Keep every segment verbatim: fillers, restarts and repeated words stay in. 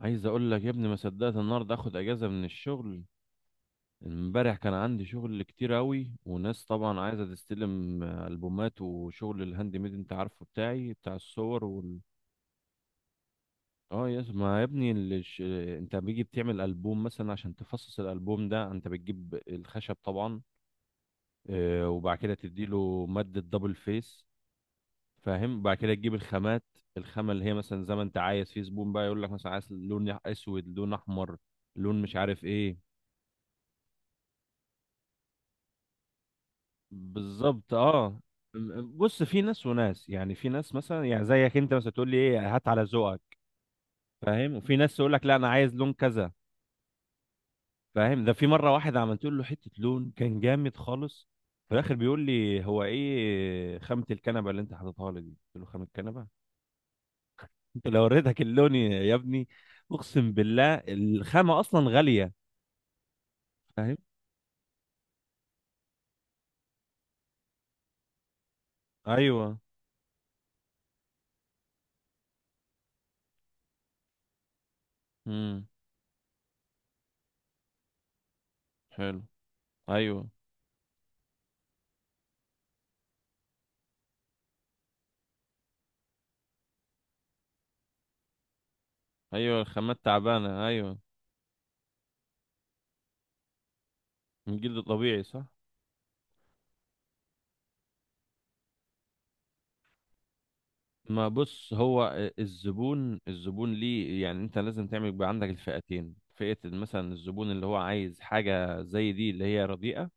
عايز اقول لك يا ابني، ما صدقت النهارده اخد اجازه من الشغل. امبارح كان عندي شغل كتير قوي، وناس طبعا عايزه تستلم، آه، البومات وشغل الهاند ميد. انت عارفه بتاعي، بتاع الصور وال... اه يا ما يا ابني الش... انت بيجي بتعمل البوم مثلا، عشان تفصص الالبوم ده انت بتجيب الخشب طبعا. آه، وبعد كده تديله ماده دبل فيس. فاهم؟ بعد كده تجيب الخامات، الخامه اللي هي مثلا زي ما انت عايز. في زبون بقى يقول لك مثلا، عايز لون اسود، لون احمر، لون مش عارف ايه. بالظبط، اه. بص، في ناس وناس، يعني في ناس مثلا، يعني زيك انت مثلا تقول لي ايه، هات على ذوقك. فاهم؟ وفي ناس تقول لك لا، انا عايز لون كذا. فاهم؟ ده في مره، واحد عملت له حته لون كان جامد خالص، في الاخر بيقول لي هو ايه خامه الكنبه اللي انت حاططها لي دي؟ قلت له خامه الكنبه. انت لو وريتك اللون يا يا ابني، اقسم بالله الخامه اصلا غاليه. فاهم؟ ايوه، امم، حلو، ايوه، ايوه، الخامات تعبانه، ايوه، من جلد طبيعي صح. ما بص هو الزبون الزبون ليه، يعني انت لازم تعمل بقى عندك الفئتين، فئة مثلا الزبون اللي هو عايز حاجة زي دي، اللي هي رديئة،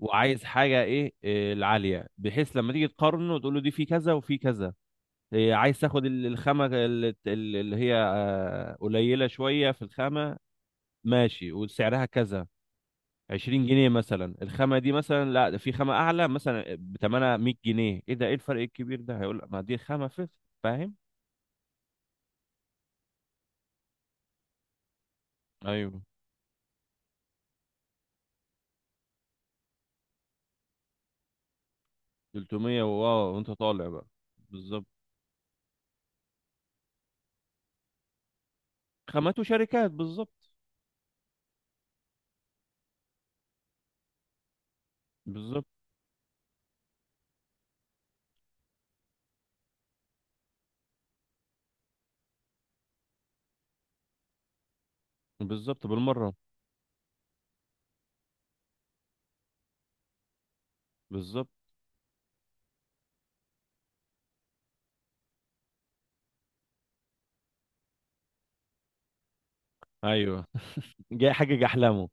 وعايز حاجة ايه إيه، العالية، بحيث لما تيجي تقارنه تقول له دي في كذا وفي كذا. إيه، عايز تاخد ال- الخامة ال- ال- اللي هي آه، قليلة شوية في الخامة. ماشي، وسعرها كذا، عشرين جنيه مثلا الخامة دي، مثلا. لا، ده في خامة أعلى مثلا بتمنها مية جنيه. ايه ده؟ ايه الفرق الكبير ده؟ هيقول لك ما دي خامة فيه. فاهم؟ ايوه. تلتمية، واه، وانت طالع بقى. بالظبط. خامات وشركات، بالظبط، بالظبط، بالظبط، بالمره، بالظبط، ايوه. جاي حاجه جحلمه.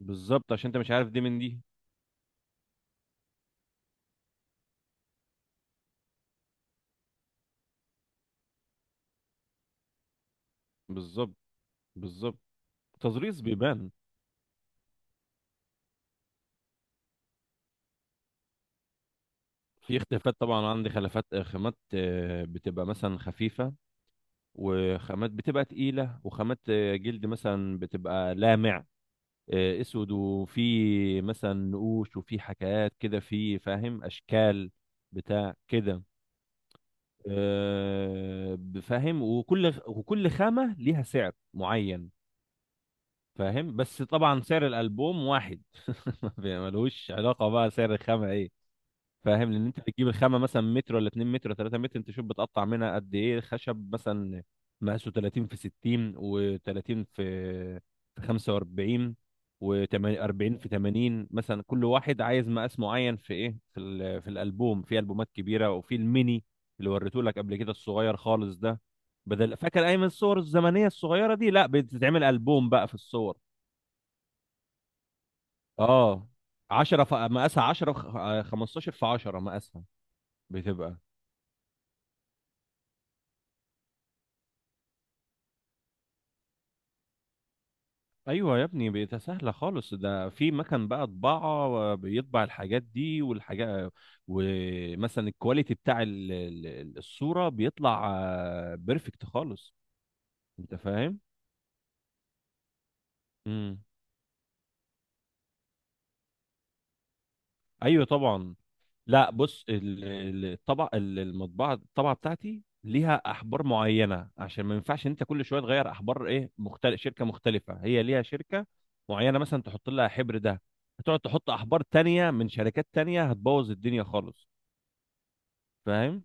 بالظبط، عشان انت مش عارف دي من دي. بالظبط، بالظبط، تظريف بيبان. في اختلافات طبعا، عندي خلافات آه، خامات آه، بتبقى مثلا خفيفه، وخامات بتبقى تقيله، وخامات آه، جلد مثلا بتبقى لامع، آه، اسود، وفي مثلا نقوش، وفي حكايات كده، في فاهم اشكال بتاع كده. آه، فاهم، وكل وكل خامة ليها سعر معين. فاهم، بس طبعا سعر الألبوم واحد. ملوش علاقة بقى سعر الخامة، ايه. فاهم، لان انت بتجيب الخامه مثلا متر ولا اتنين متر ولا ثلاثة متر، انت شوف بتقطع منها قد ايه. خشب مثلا مقاسه تلاتين في ستين، و30 في في خمسة واربعين، و40 في تمانين مثلا، كل واحد عايز مقاس معين. في ايه، في ال- في الالبوم، في البومات كبيره وفي الميني اللي وريته لك قبل كده، الصغير خالص ده. بدل، فاكر اي من الصور الزمنيه الصغيره دي، لا، بتتعمل البوم بقى في الصور. اه، عشرة في مقاسها عشرة، خمسة عشر في عشرة مقاسها بتبقى. ايوه يا ابني، بقت سهله خالص، ده في مكان بقى طباعه بيطبع الحاجات دي والحاجات، ومثلا الكواليتي بتاع ال- ال- الصوره بيطلع آه، بيرفكت خالص. انت فاهم. امم. ايوه طبعا. لا، بص، ال- ال- الطبع، ال- المطبعه، الطبعه بتاعتي ليها احبار معينه، عشان ما ينفعش انت كل شويه تغير احبار. ايه، مختلف، شركه مختلفه، هي ليها شركه معينه مثلا تحط لها حبر ده، هتقعد تحط احبار تانية من شركات تانية هتبوظ الدنيا خالص. فاهم.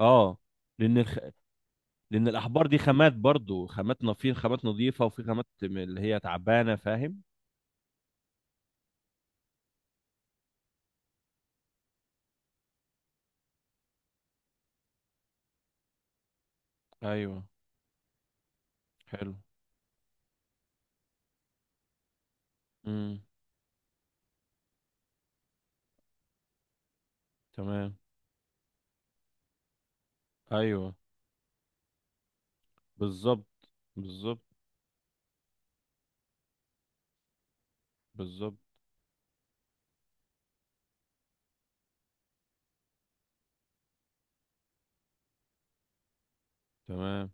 اه. لان الخ... لان الاحبار دي خامات برضو، خاماتنا في خامات نظيفه وفي خامات م- اللي هي تعبانه. فاهم. ايوه، حلو، امم، تمام، ايوه، بالظبط، بالظبط، بالظبط، تمام،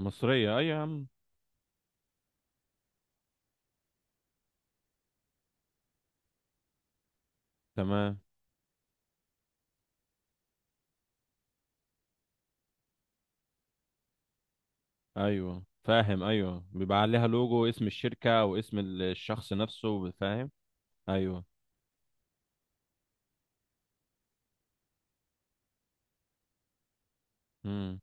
مصريه ايوه يا عم، تمام، ايوه فاهم، ايوه بيبقى عليها لوجو، اسم الشركه واسم ال- الشخص نفسه. فاهم. ايوه. مم.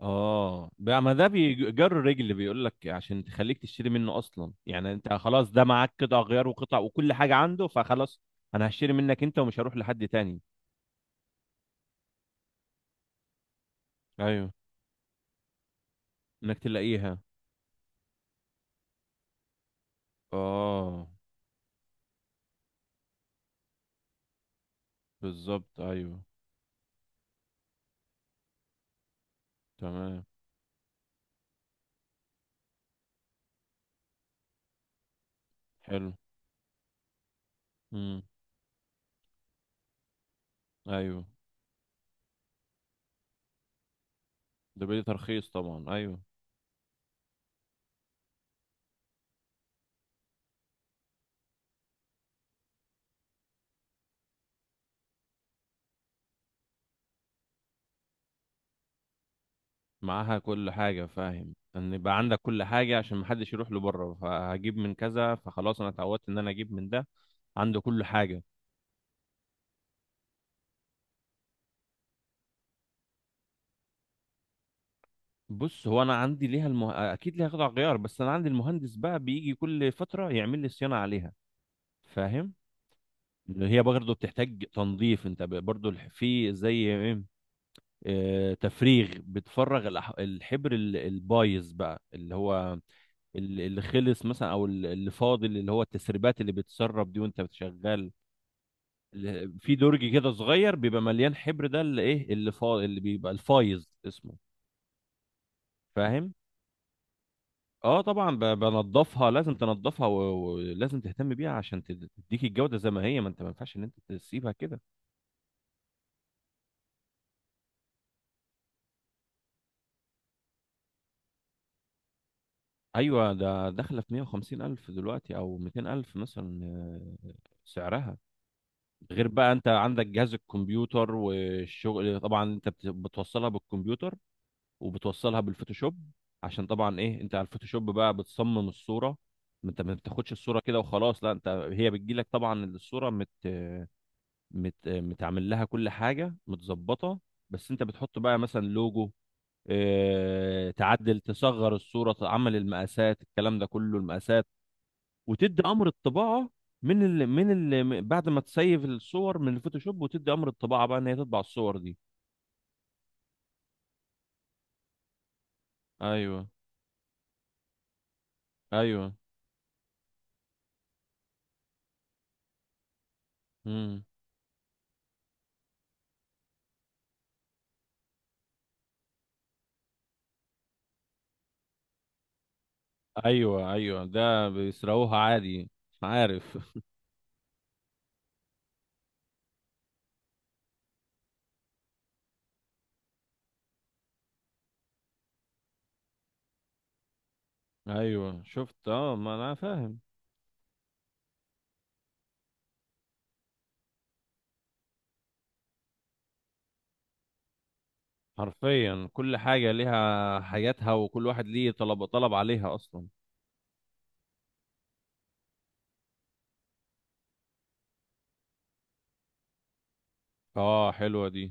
اه، بقى ما ده بيجر رجل، بيقول لك عشان تخليك تشتري منه اصلا. يعني انت خلاص ده معاك قطع غيار وقطع وكل حاجه عنده، فخلاص انا هشتري منك انت ومش هروح لحد تاني. ايوه، انك تلاقيها. اه، بالظبط، ايوه، تمام، حلو، امم، ايوه، ده بيدي ترخيص طبعا، ايوه. معاها كل حاجه، فاهم، ان يبقى عندك كل حاجه عشان محدش يروح له بره، فهجيب من كذا، فخلاص انا اتعودت ان انا اجيب من ده، عنده كل حاجه. بص هو انا عندي ليها المه... اكيد ليها قطع غيار، بس انا عندي المهندس بقى بيجي كل فتره يعمل لي صيانه عليها. فاهم. اللي هي برضه بتحتاج تنظيف، انت ب- برضه الح- في زي ايه، آه، تفريغ، بتفرغ الأح- الحبر ال- البايظ بقى، اللي هو ال- اللي خلص مثلا، او ال- اللي فاضل، اللي هو التسريبات اللي بتسرب دي وانت بتشغل. ال- في درج كده صغير بيبقى مليان حبر، ده اللي ايه، اللي فاضل، اللي بيبقى الفايظ اسمه. فاهم. اه طبعا، ب- بنضفها، لازم تنضفها، و- ولازم تهتم بيها عشان تد- تديك الجودة زي ما هي. ما انت، ما ينفعش ان انت تسيبها كده. ايوه، ده داخلة في مئة وخمسين الف دلوقتي او مئتين الف مثلا، آه، سعرها. غير بقى، انت عندك جهاز الكمبيوتر، والشغل طبعا انت بت- بتوصلها بالكمبيوتر، وبتوصلها بالفوتوشوب، عشان طبعا ايه، انت على الفوتوشوب بقى بتصمم الصورة. ما انت ما بتاخدش الصورة كده وخلاص، لا، انت هي بتجيلك طبعا الصورة مت مت... متعمل لها كل حاجه متظبطه، بس انت بتحط بقى مثلا لوجو، اه... تعدل، تصغر الصوره، تعمل المقاسات، الكلام ده كله المقاسات، وتدي امر الطباعه من ال... من ال... بعد ما تسيف الصور من الفوتوشوب، وتدي امر الطباعه بقى ان هي تطبع الصور دي. ايوه، ايوه، امم، ايوه، ايوه، ده بيسرقوها عادي. عارف. ايوه شفت، اه، ما انا فاهم. حرفيا كل حاجة ليها حاجاتها، وكل واحد ليه طلب طلب عليها اصلا. اه، حلوه دي.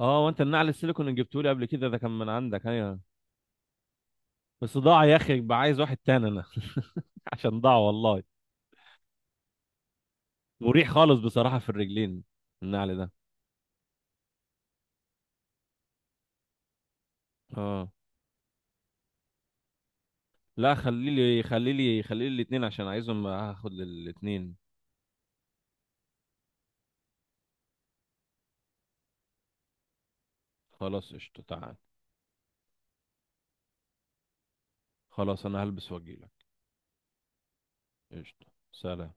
اه، وانت النعل السيليكون اللي جبته لي قبل كده ده، كان من عندك، ايوه، بس ضاع يا اخي، يبقى عايز واحد تاني انا. عشان ضاع، والله مريح خالص بصراحه في الرجلين النعل ده. اه، لا، خلي لي خلي لي خلي لي الاثنين عشان عايزهم، هاخد الاثنين. خلاص، قشطه، تعال. خلاص، انا هلبس واجيلك. قشطه. سلام.